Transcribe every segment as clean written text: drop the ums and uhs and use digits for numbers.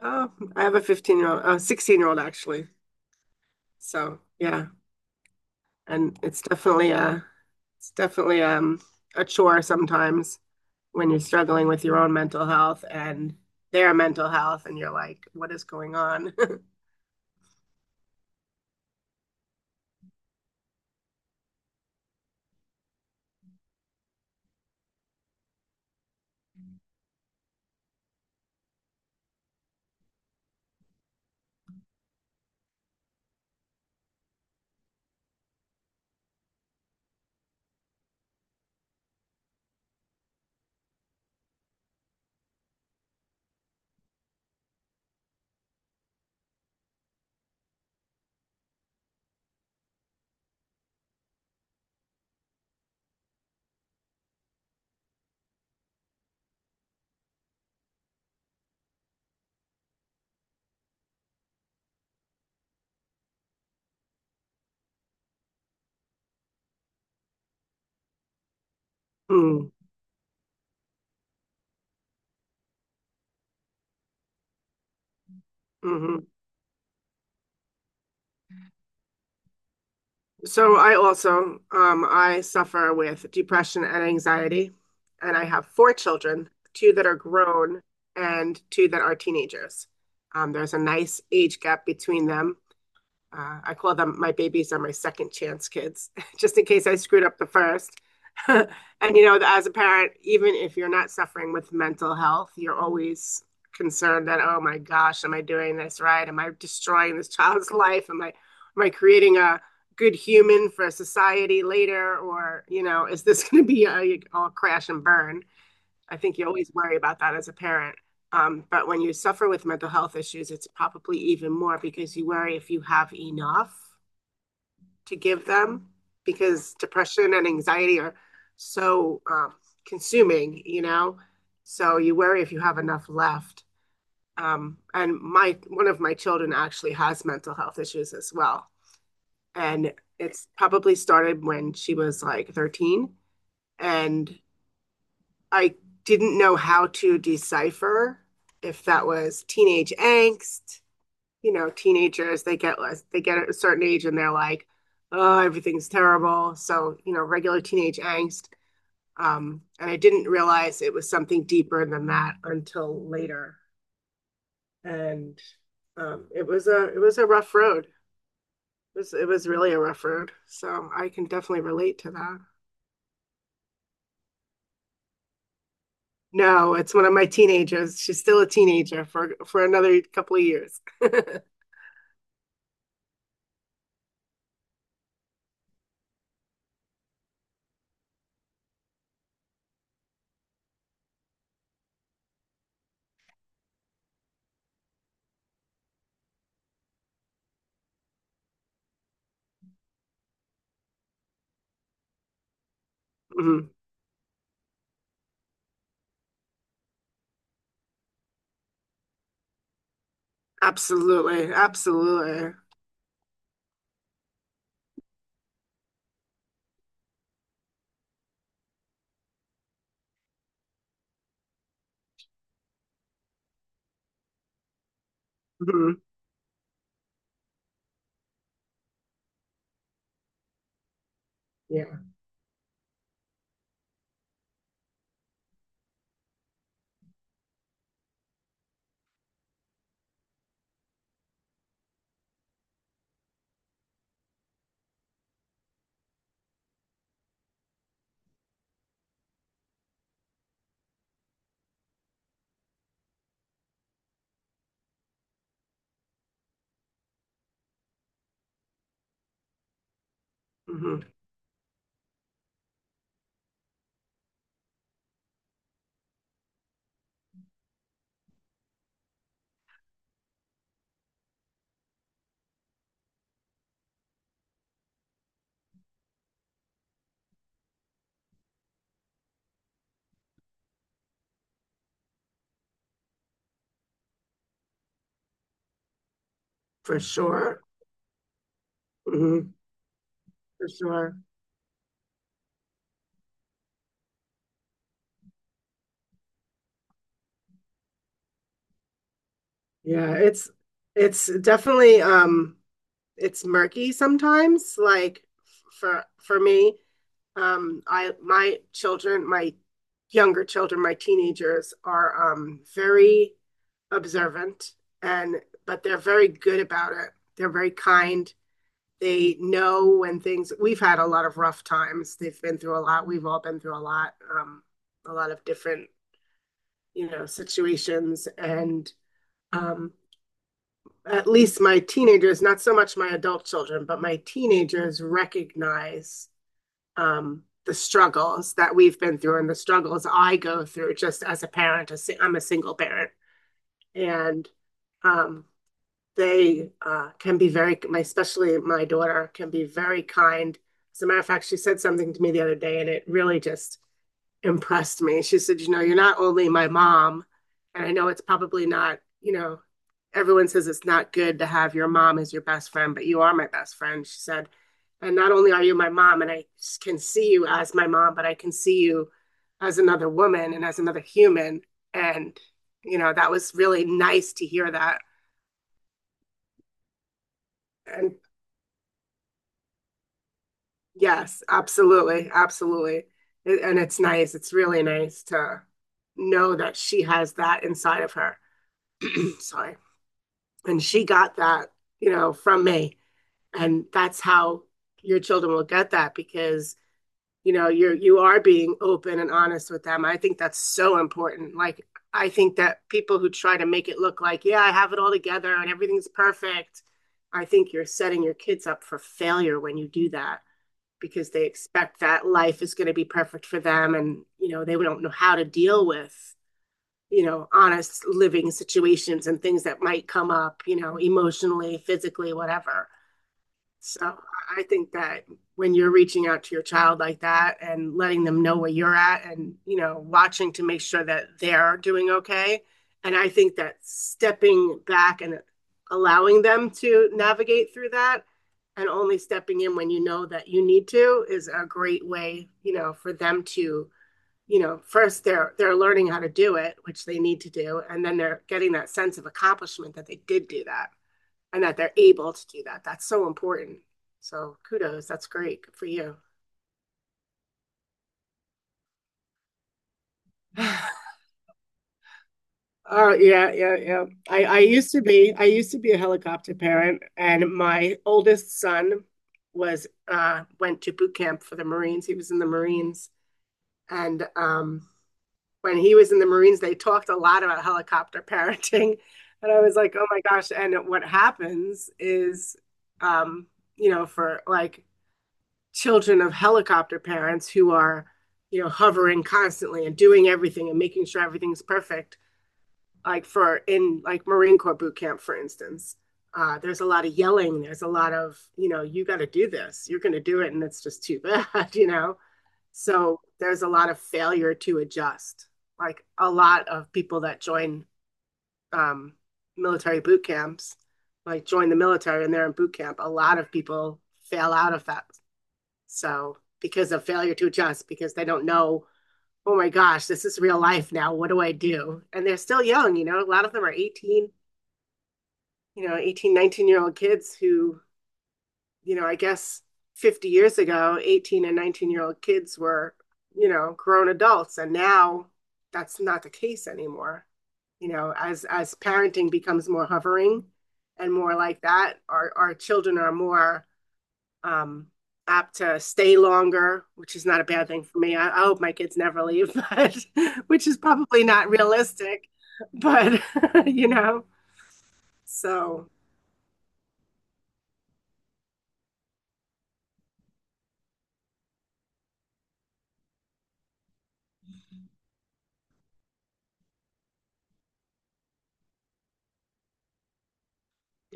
Oh, I have a 15-year-old, a 16-year-old actually. So yeah, and it's definitely a chore sometimes when you're struggling with your own mental health and their mental health, and you're like, what is going on? Mm, hmm So I also, I suffer with depression and anxiety, and I have four children, two that are grown and two that are teenagers. There's a nice age gap between them. I call them my babies are my second chance kids, just in case I screwed up the first. and You know, as a parent, even if you're not suffering with mental health, you're always concerned that, oh my gosh, am I doing this right? Am I destroying this child's life? Am I creating a good human for society later? Or, you know, is this going to be a crash and burn? I think you always worry about that as a parent. But when you suffer with mental health issues, it's probably even more because you worry if you have enough to give them because depression and anxiety are so consuming, you know? So you worry if you have enough left. And my One of my children actually has mental health issues as well. And it's probably started when she was like 13, and I didn't know how to decipher if that was teenage angst. You know, teenagers they get a certain age and they're like, oh, everything's terrible. So you know, regular teenage angst. And I didn't realize it was something deeper than that until later. And it was a rough road. It was really a rough road. So I can definitely relate to that. No, it's one of my teenagers. She's still a teenager for another couple of years. Mhm. Absolutely. Absolutely. Hmm. Yeah. Hmm. For sure. Hmm. For sure. Yeah, it's definitely it's murky sometimes, like for me. I My children, my younger children, my teenagers are very observant. And but they're very good about it. They're very kind. They know when things, we've had a lot of rough times. They've been through a lot. We've all been through um, a lot of different, you know, situations. And um, at least my teenagers, not so much my adult children, but my teenagers recognize the struggles that we've been through and the struggles I go through just as a parent. I'm a single parent. And um, they can be especially my daughter, can be very kind. As a matter of fact, she said something to me the other day, and it really just impressed me. She said, "You know, you're not only my mom, and I know it's probably not, you know, everyone says it's not good to have your mom as your best friend, but you are my best friend." She said, "And not only are you my mom, and I can see you as my mom, but I can see you as another woman and as another human." And, you know, that was really nice to hear that. And yes, absolutely, absolutely. It- and it's nice. It's really nice to know that she has that inside of her. Sorry. And she got that, you know, from me. And that's how your children will get that because, you know, you are being open and honest with them. I think that's so important. Like, I think that people who try to make it look like, yeah, I have it all together and everything's perfect, I think you're setting your kids up for failure when you do that, because they expect that life is going to be perfect for them, and you know they don't know how to deal with, you know, honest living situations and things that might come up, you know, emotionally, physically, whatever. So I think that when you're reaching out to your child like that and letting them know where you're at and, you know, watching to make sure that they're doing okay. And I think that stepping back and allowing them to navigate through that, and only stepping in when you know that you need to, is a great way, you know, for them to, you know, first they're learning how to do it, which they need to do, and then they're getting that sense of accomplishment that they did do that and that they're able to do that. That's so important. So kudos. That's great. Good for you. Oh yeah, yeah, yeah. I used to be a helicopter parent, and my oldest son was went to boot camp for the Marines. He was in the Marines, and when he was in the Marines, they talked a lot about helicopter parenting, and I was like, oh my gosh. And what happens is, um, you know, for like children of helicopter parents who are, you know, hovering constantly and doing everything and making sure everything's perfect. Like for in like Marine Corps boot camp, for instance, there's a lot of yelling. There's a lot of, you know, you got to do this. You're going to do it, and it's just too bad, you know. So there's a lot of failure to adjust. Like a lot of people that join um, military boot camps, like join the military and they're in boot camp, a lot of people fail out of that so because of failure to adjust, because they don't know, oh my gosh, this is real life now. What do I do? And they're still young, you know, a lot of them are 18, you know, 18, 19 year old kids who, you know, I guess 50 years ago, 18 and 19-year-old kids were, you know, grown adults. And now that's not the case anymore. You know, as parenting becomes more hovering and more like that, our children are more um, apt to stay longer, which is not a bad thing for me. I hope my kids never leave, but which is probably not realistic. But you know, so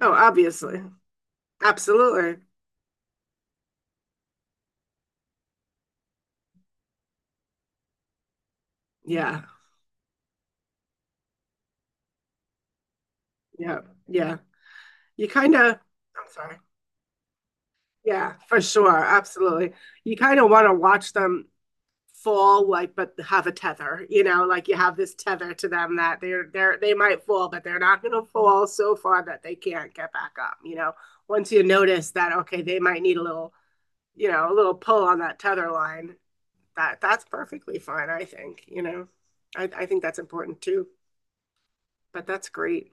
oh, obviously, absolutely, yeah, yeah, yeah. You kind of, I'm sorry, yeah, for sure, absolutely. You kind of want to watch them fall, like, but have a tether, you know, like you have this tether to them that they're they might fall but they're not going to fall so far that they can't get back up, you know, once you notice that okay they might need a little, you know, a little pull on that tether line, that's perfectly fine, I think, you know, I think that's important too, but that's great.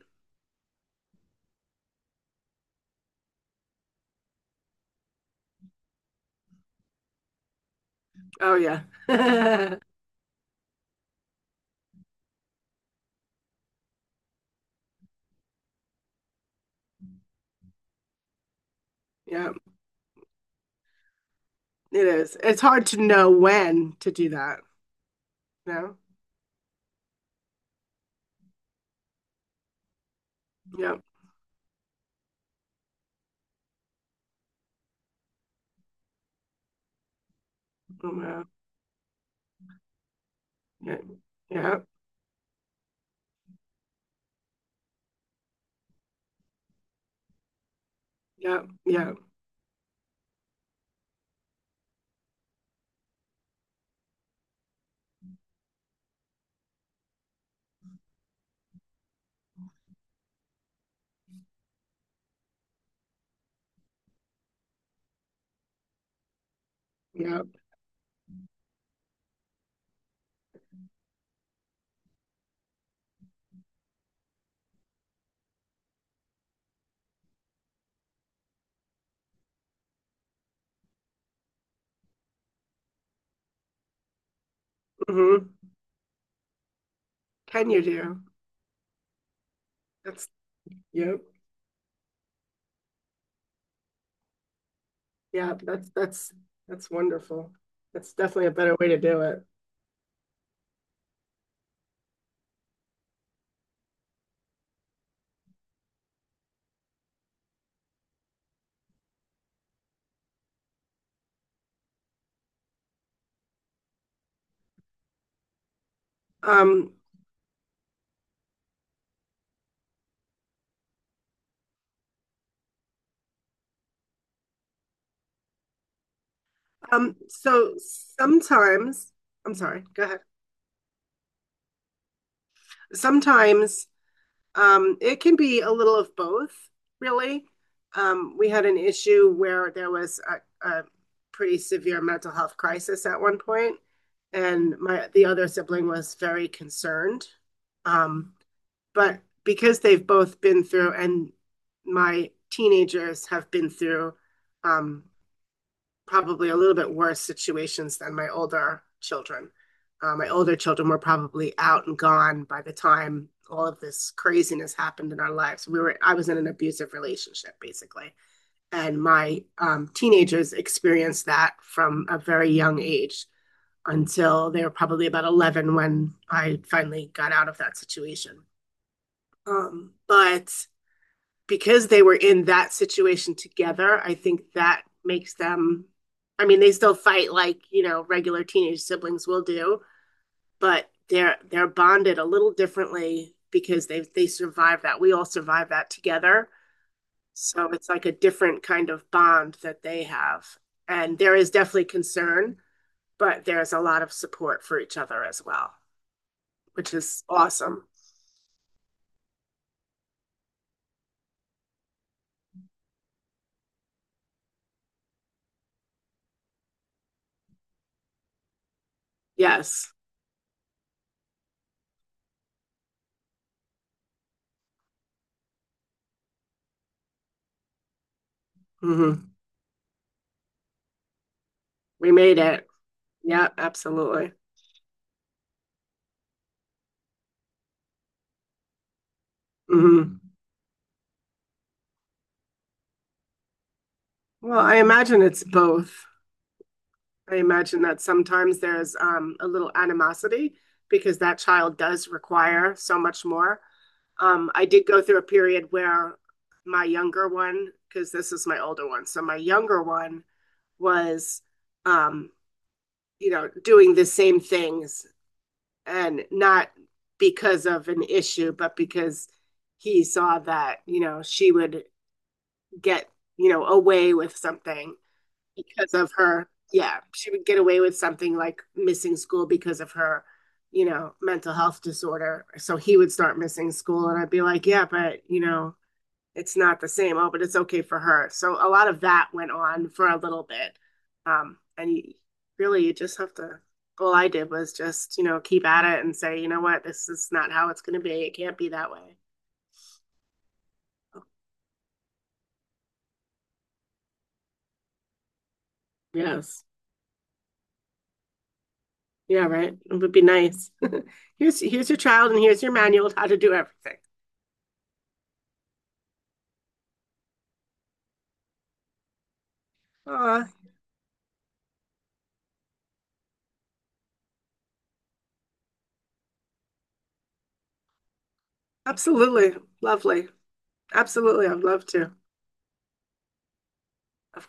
Oh yeah, yeah, it is, it's hard to know when to do that, you know. Yeah yeah yeah yeah yeah. Mm-hmm. Can you do? That's yep. Yeah, that's that's wonderful. That's definitely a better way to do it. Um, um, so Sometimes, I'm sorry, go ahead. Sometimes it can be a little of both, really. We had an issue where there was a pretty severe mental health crisis at one point, and my the other sibling was very concerned. Um, but because they've both been through, and my teenagers have been through um, probably a little bit worse situations than my older children. My older children were probably out and gone by the time all of this craziness happened in our lives. We were I was in an abusive relationship basically, and my teenagers experienced that from a very young age until they were probably about 11 when I finally got out of that situation. But because they were in that situation together, I think that makes them. I mean, they still fight like, you know, regular teenage siblings will do, but they're bonded a little differently because they survived that. We all survived that together, so it's like a different kind of bond that they have. And there is definitely concern, but there's a lot of support for each other as well, which is awesome. Yes, hmm, we made it. Yeah, absolutely. Hmm. Well, I imagine it's both. I imagine that sometimes there's a little animosity because that child does require so much more. I did go through a period where my younger one, because this is my older one, so my younger one was, um, you know, doing the same things and not because of an issue, but because he saw that, you know, she would get, you know, away with something because of her. Yeah, she would get away with something like missing school because of her, you know, mental health disorder. So he would start missing school, and I'd be like, yeah, but you know, it's not the same. Oh, but it's okay for her. So a lot of that went on for a little bit, and you, really, you just have to. All I did was just, you know, keep at it and say, you know what, this is not how it's going to be. It can't be that way. Yes. Yeah, right. It would be nice. Here's your child and here's your manual on how to do everything. Aw, absolutely. Lovely. Absolutely. I'd love to.